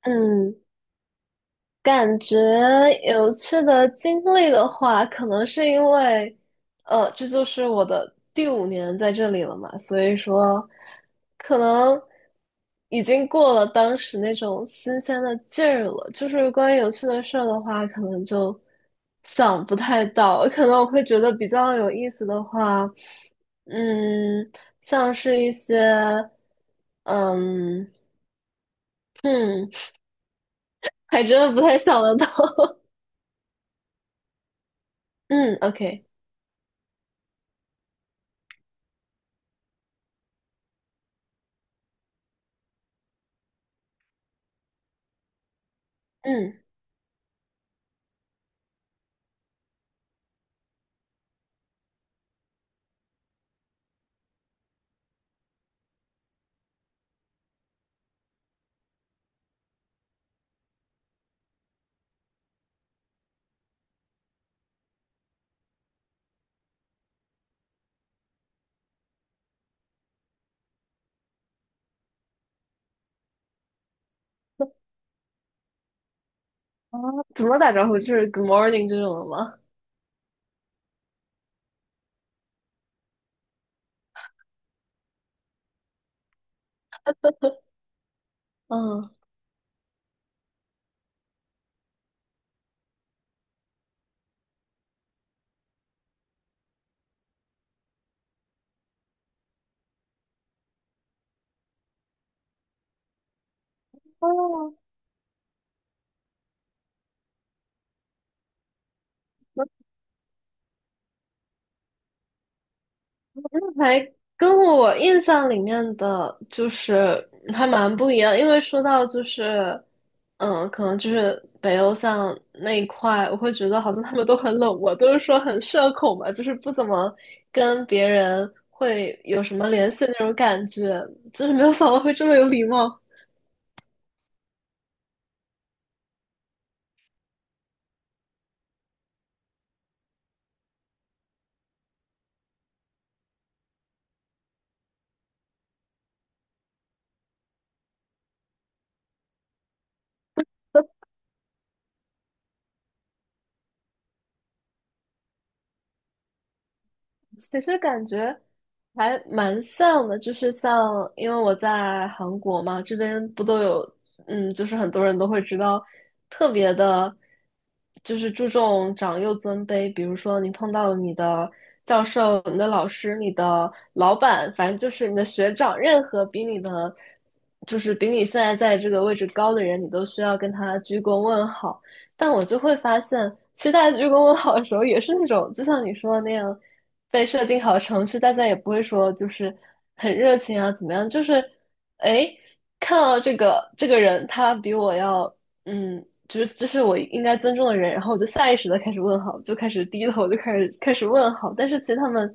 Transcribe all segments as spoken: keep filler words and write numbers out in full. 嗯，感觉有趣的经历的话，可能是因为，呃，这就是我的第五年在这里了嘛，所以说，可能已经过了当时那种新鲜的劲儿了。就是关于有趣的事儿的话，可能就想不太到，可能我会觉得比较有意思的话，嗯，像是一些，嗯，嗯，还真的不太想得到。嗯，OK,嗯，啊，怎么打招呼？就是 Good morning 这种的吗？嗯，哦，那还跟我印象里面的就是还蛮不一样，因为说到就是，嗯，可能就是北欧像那一块，我会觉得好像他们都很冷漠，都是说很社恐嘛，就是不怎么跟别人会有什么联系的那种感觉，就是没有想到会这么有礼貌。其实感觉还蛮像的，就是像，因为我在韩国嘛，这边不都有，嗯，就是很多人都会知道，特别的，就是注重长幼尊卑。比如说，你碰到你的教授、你的老师、你的老板，反正就是你的学长，任何比你的，就是比你现在在这个位置高的人，你都需要跟他鞠躬问好。但我就会发现，其实大家鞠躬问好的时候，也是那种，就像你说的那样。被设定好程序，大家也不会说就是很热情啊，怎么样？就是哎，看到这个这个人，他比我要嗯，就是这是我应该尊重的人，然后我就下意识的开始问好，就开始低头，就开始开始问好。但是其实他们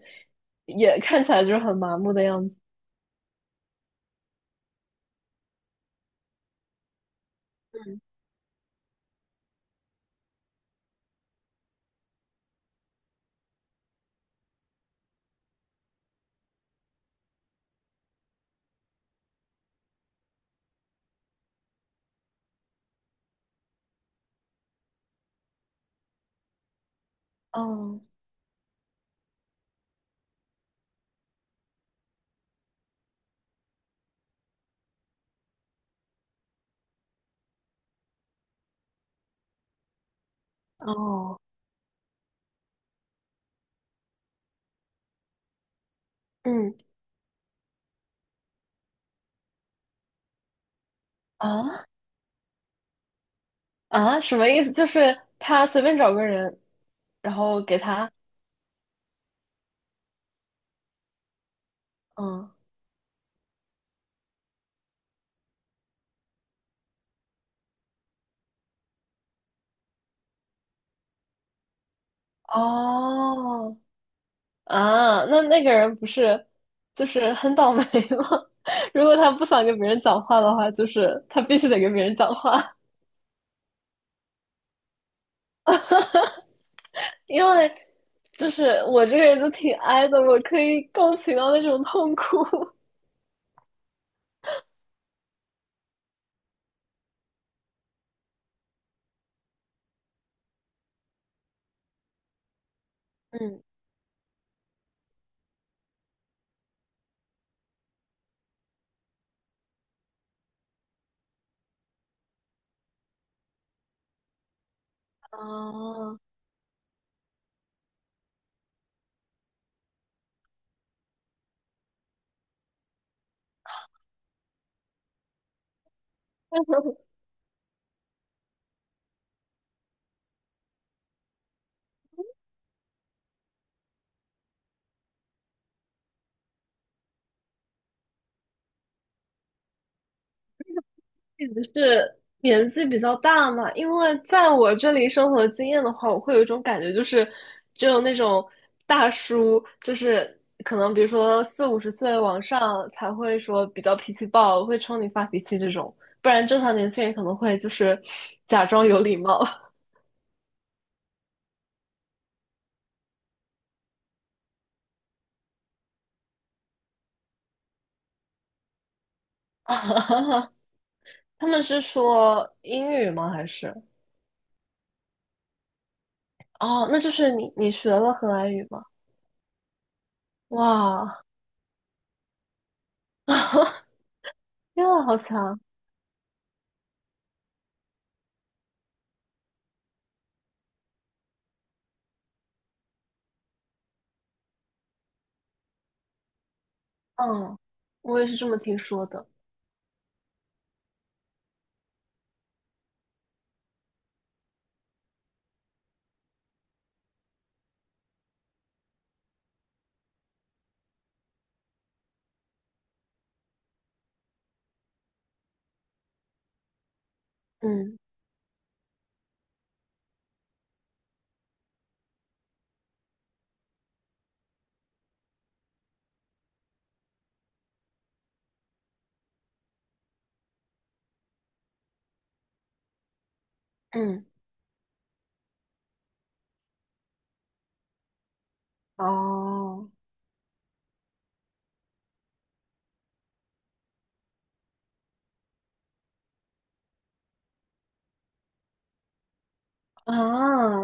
也看起来就是很麻木的样子。嗯，哦哦，嗯啊啊，什么意思？就是他随便找个人，然后给他嗯哦啊，那那个人不是就是很倒霉吗？如果他不想跟别人讲话的话，就是他必须得跟别人讲话，因为就是我这个人就挺 i 的，我可以共情到那种痛苦。嗯，啊，不是年纪比较大嘛，因为在我这里生活的经验的话，我会有一种感觉，就是只有那种大叔，就是可能比如说四五十岁往上才会说比较脾气暴，会冲你发脾气这种，不然正常年轻人可能会就是假装有礼貌。他们是说英语吗？还是哦，那就是你你学了荷兰语吗？哇，天啊，好强！嗯，我也是这么听说的。嗯嗯，哦啊，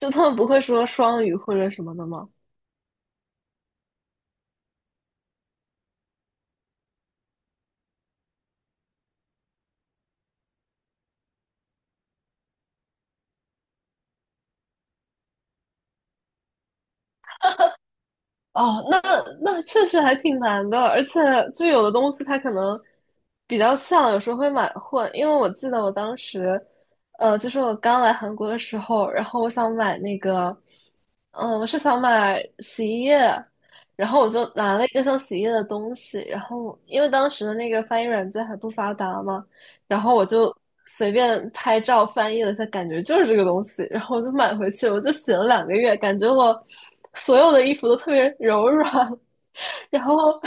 就他们不会说双语或者什么的吗？哦，那那确实还挺难的，而且就有的东西它可能比较像，有时候会买混。因为我记得我当时，呃，就是我刚来韩国的时候，然后我想买那个，嗯、我是想买洗衣液，然后我就拿了一个像洗衣液的东西，然后因为当时的那个翻译软件还不发达嘛。然后我就随便拍照翻译了一下，感觉就是这个东西，然后我就买回去我就洗了两个月，感觉我所有的衣服都特别柔软，然后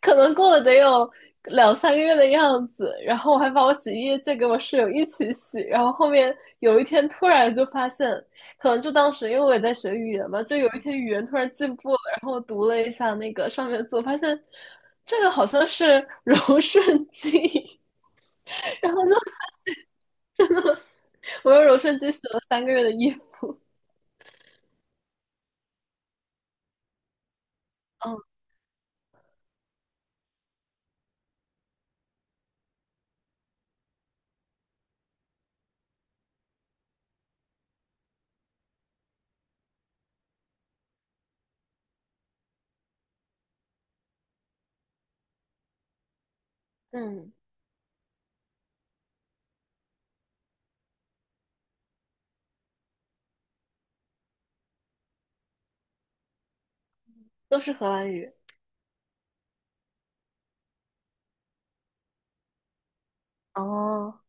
可能过了得有两三个月的样子，然后我还把我洗衣液借给我室友一起洗，然后后面有一天突然就发现，可能就当时因为我也在学语言嘛，就有一天语言突然进步了，然后我读了一下那个上面的字，我发现这个好像是柔顺剂。然后就我用柔顺剂洗了三个月的衣服，嗯嗯，都是荷兰语。哦，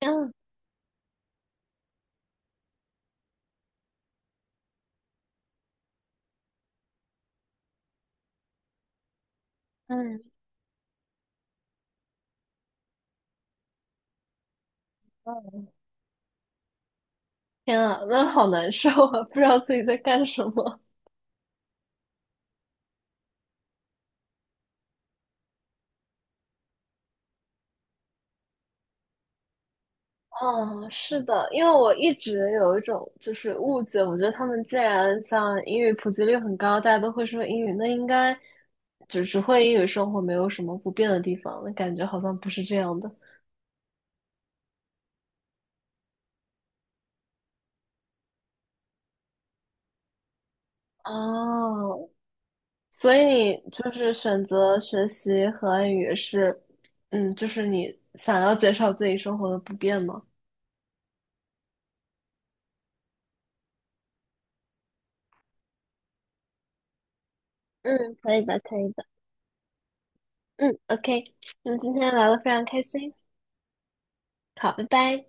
天啊，嗯，嗯，天啊，那好难受啊，不知道自己在干什么。哦，是的，因为我一直有一种就是误解，我觉得他们既然像英语普及率很高，大家都会说英语，那应该就只会英语生活，没有什么不变的地方。那感觉好像不是这样的。哦，所以你就是选择学习荷兰语是，嗯，就是你想要减少自己生活的不便吗？嗯，可以的，可以的。嗯，OK,那今天聊得非常开心。好，拜拜。